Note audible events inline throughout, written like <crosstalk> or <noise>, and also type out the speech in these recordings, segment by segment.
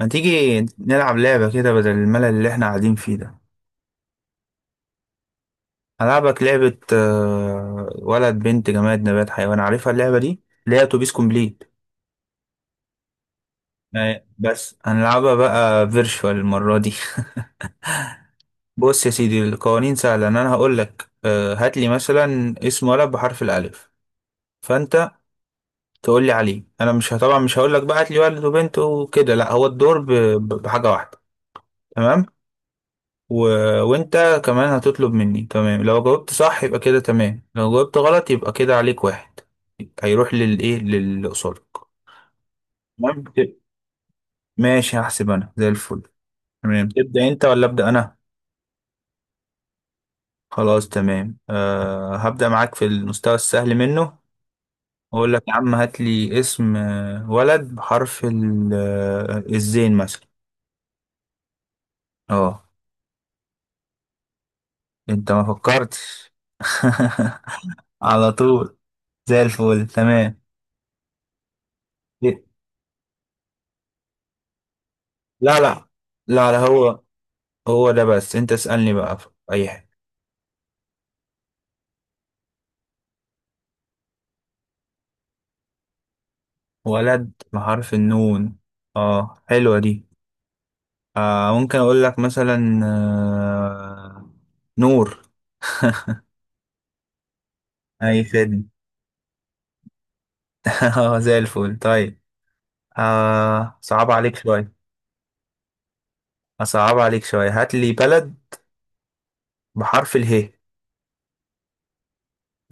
ما تيجي نلعب لعبة كده بدل الملل اللي احنا قاعدين فيه ده. هلعبك لعبة ولد بنت جماد نبات حيوان، عارفها اللعبة دي اللي هي اتوبيس كومبليت. بس هنلعبها بقى فيرشوال المرة دي. <laughs> بص يا سيدي، القوانين سهلة، إن انا هقول لك هات لي مثلا اسم ولد بحرف الالف، فانت تقول لي عليه. انا مش طبعا مش هقول لك بقى هات لي ولد وبنت وكده، لا هو الدور بحاجة واحدة. تمام. و... وانت كمان هتطلب مني. تمام، لو جاوبت صح يبقى كده تمام، لو جاوبت غلط يبقى كده عليك واحد هيروح للايه للي قصادك. تمام كده. ماشي هحسب انا زي الفل. تمام، تبدأ انت ولا ابدأ انا؟ خلاص تمام، أه هبدأ معاك في المستوى السهل منه. اقول لك يا عم هات لي اسم ولد بحرف الزين مثلا. اه، انت ما فكرتش. <laughs> على طول، زي الفل تمام. لا لا لا لا هو هو ده، بس انت اسألني بقى في اي حاجة. ولد بحرف النون. اه حلوة دي. آه ممكن اقول لك مثلا آه، نور. <laughs> اي خدمة. <laughs> اه زي الفل. طيب صعب عليك شوية، اصعب عليك شوية، هات لي بلد بحرف اله.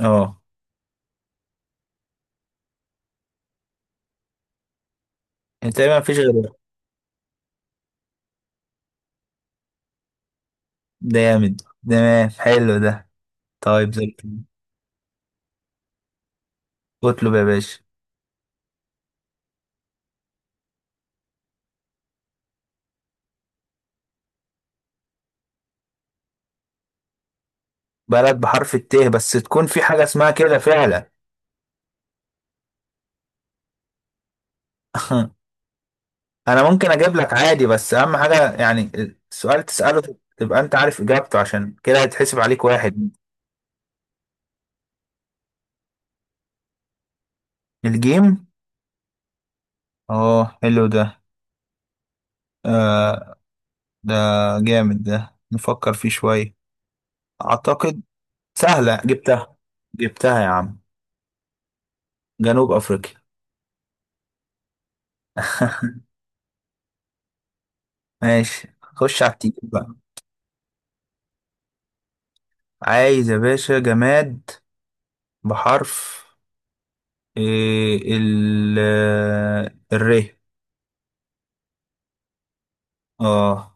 اه. انت ما فيش غير ده؟ جامد. تمام حلو ده، طيب زي الفل. اطلب يا باشا. بلد بحرف الت بس تكون في حاجة اسمها كده فعلا. <laughs> انا ممكن اجيب لك عادي، بس اهم حاجه يعني السؤال تساله تبقى انت عارف اجابته، عشان كده هيتحسب عليك واحد. الجيم. اه حلو ده. آه ده جامد ده، نفكر فيه شويه. اعتقد سهله، جبتها. جبتها يا عم، جنوب افريقيا. <laughs> ماشي، خش على التقيل بقى. عايز يا باشا جماد بحرف إيه، ال آه، الر. اه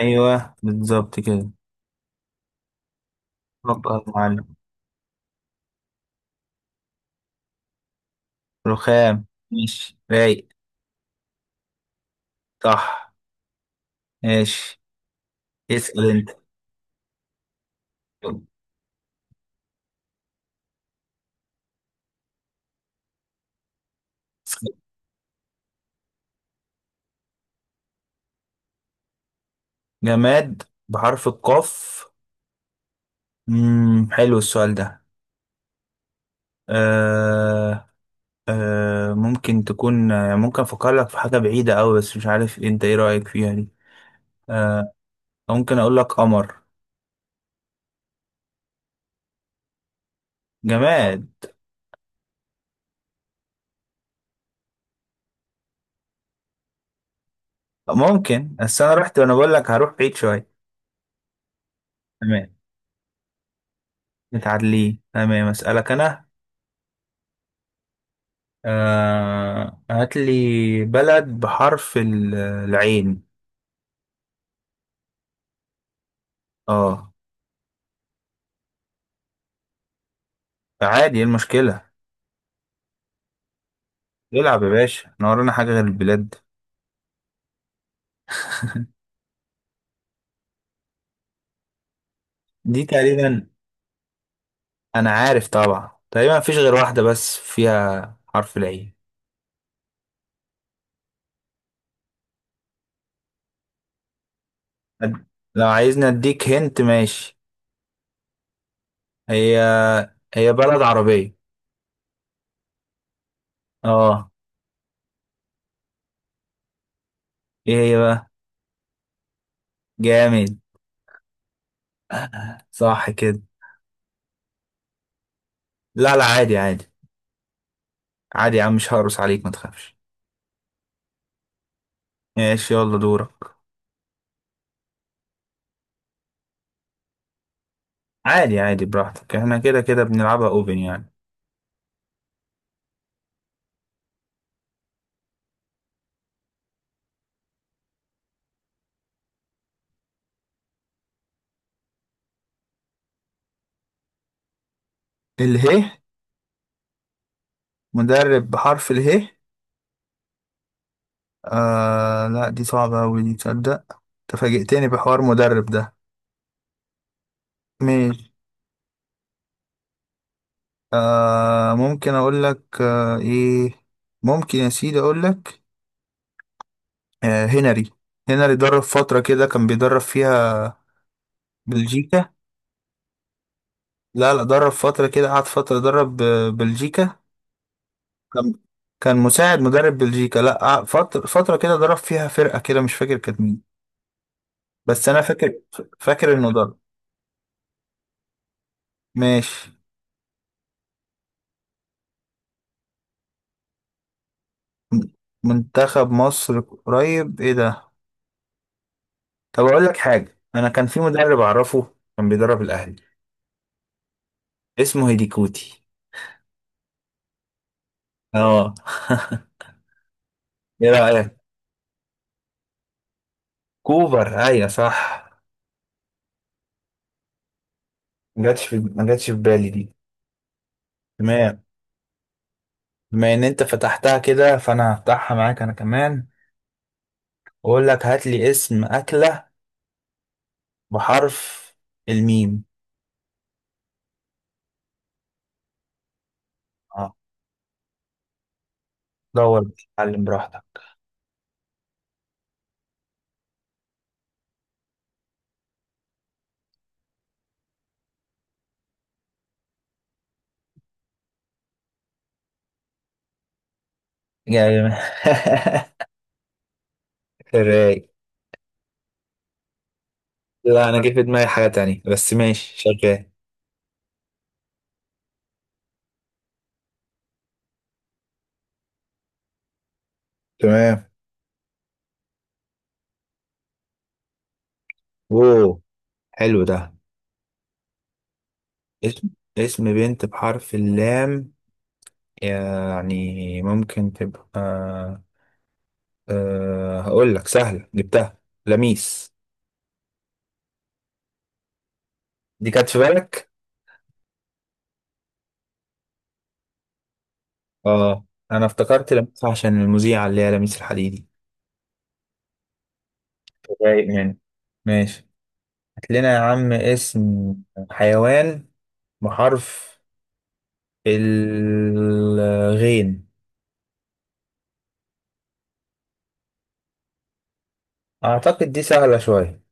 ايوه بالظبط كده. فكر يا معلم. رخام، ماشي رايق. صح. ماشي، اسأل انت. جماد بحرف القاف. مم. حلو السؤال ده. آه ممكن تكون، يعني ممكن افكر لك في حاجة بعيدة أوي بس مش عارف انت ايه رأيك فيها دي. آه ممكن اقول لك قمر. جماد ممكن، بس انا رحت وانا بقول لك هروح بعيد شوية. تمام، متعادلين تمام. اسألك انا، هات لي بلد بحرف العين. اه، عادي، ايه المشكلة؟ العب يا باشا، انا ورانا حاجة غير البلاد؟ دي تقريبا، انا عارف طبعا تقريبا مفيش غير واحدة بس فيها حرف العين. أد-، لو عايزني اديك هنت ماشي. هي، هي بلد عربية. اه. ايه هي بقى؟ جامد، صح كده. لا لا عادي، عادي عادي يا عم، مش هقرص عليك ما تخافش. ماشي يلا دورك. عادي عادي، براحتك، احنا كده كده بنلعبها اوبن يعني. اله. مدرب بحرف اله؟ آه لا دي صعبة أوي دي تصدق، تفاجئتني بحوار مدرب ده. ماشي. ممكن أقول لك آه إيه ممكن يا سيدي أقول لك هنري. هنري درب فترة كده، كان بيدرب فيها بلجيكا. لا لا درب فترة كده، قعد فترة درب بلجيكا. كان كان مساعد مدرب بلجيكا، لا قعد فترة كده درب فيها فرقة كده مش فاكر كانت مين. بس أنا فاكر إنه درب. ماشي. منتخب مصر قريب؟ إيه ده؟ طب اقول لك حاجه، انا كان في مدرب اعرفه كان بيدرب الاهلي، اسمه هيديكوتي. اه. <laughs> ايه رايك. كوبر، ايوه صح. ما جاتش في بالي دي. تمام. بما ان انت فتحتها كده، فانا هفتحها معاك انا كمان، واقول لك هات لي اسم اكله بحرف الميم. اه دور، اتعلم براحتك. جاي. <laughs> رايق. لا انا جه في دماغي حاجه تانية، بس ماشي شغال. تمام. اوه، حلو ده. اسم، اسم بنت بحرف اللام. يعني ممكن تبقى، أه هقول لك سهلة جبتها، لميس. دي كانت في بالك؟ اه. انا افتكرت لميس عشان المذيعة اللي هي لميس الحديدي. رايق يعني. ماشي، هات لنا يا عم اسم حيوان بحرف الغين. اعتقد دي سهلة شوية.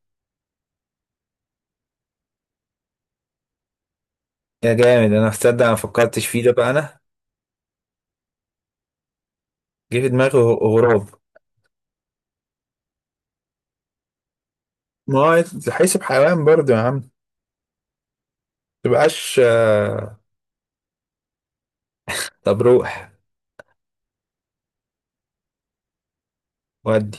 يا جامد، انا هتصدق انا مفكرتش فيه ده بقى انا. جه في دماغي غراب. ما هو هيتحسب حيوان برضه يا عم، تبقاش طب روح. ودي.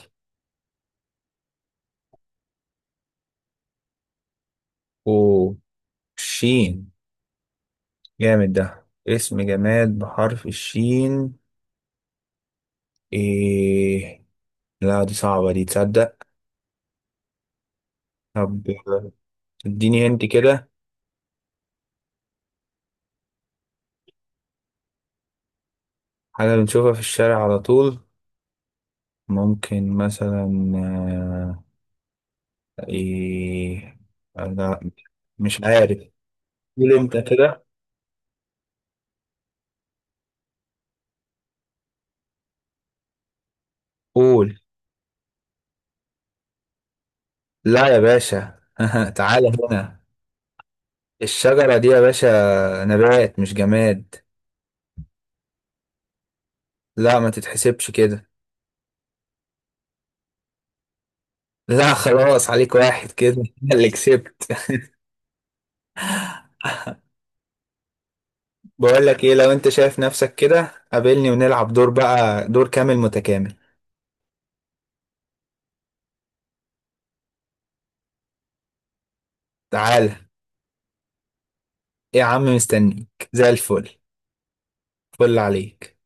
وشين. جامد ده، اسم جماد بحرف الشين. ايه، لا دي صعبة دي تصدق. طب اديني انت كده. حاجة بنشوفها في الشارع على طول. ممكن مثلا آه، ايه لا مش عارف. قول انت كده. قول. لا يا باشا. <laughs> تعالى هنا، الشجرة دي يا باشا نبات مش جماد. لا ما تتحسبش كده. لا خلاص، عليك واحد كده. <laughs> أنا اللي كسبت. <laughs> بقول لك ايه، لو انت شايف نفسك كده قابلني ونلعب دور بقى، دور كامل متكامل. تعالى. إيه يا عم، مستنيك زي الفل. فل عليك.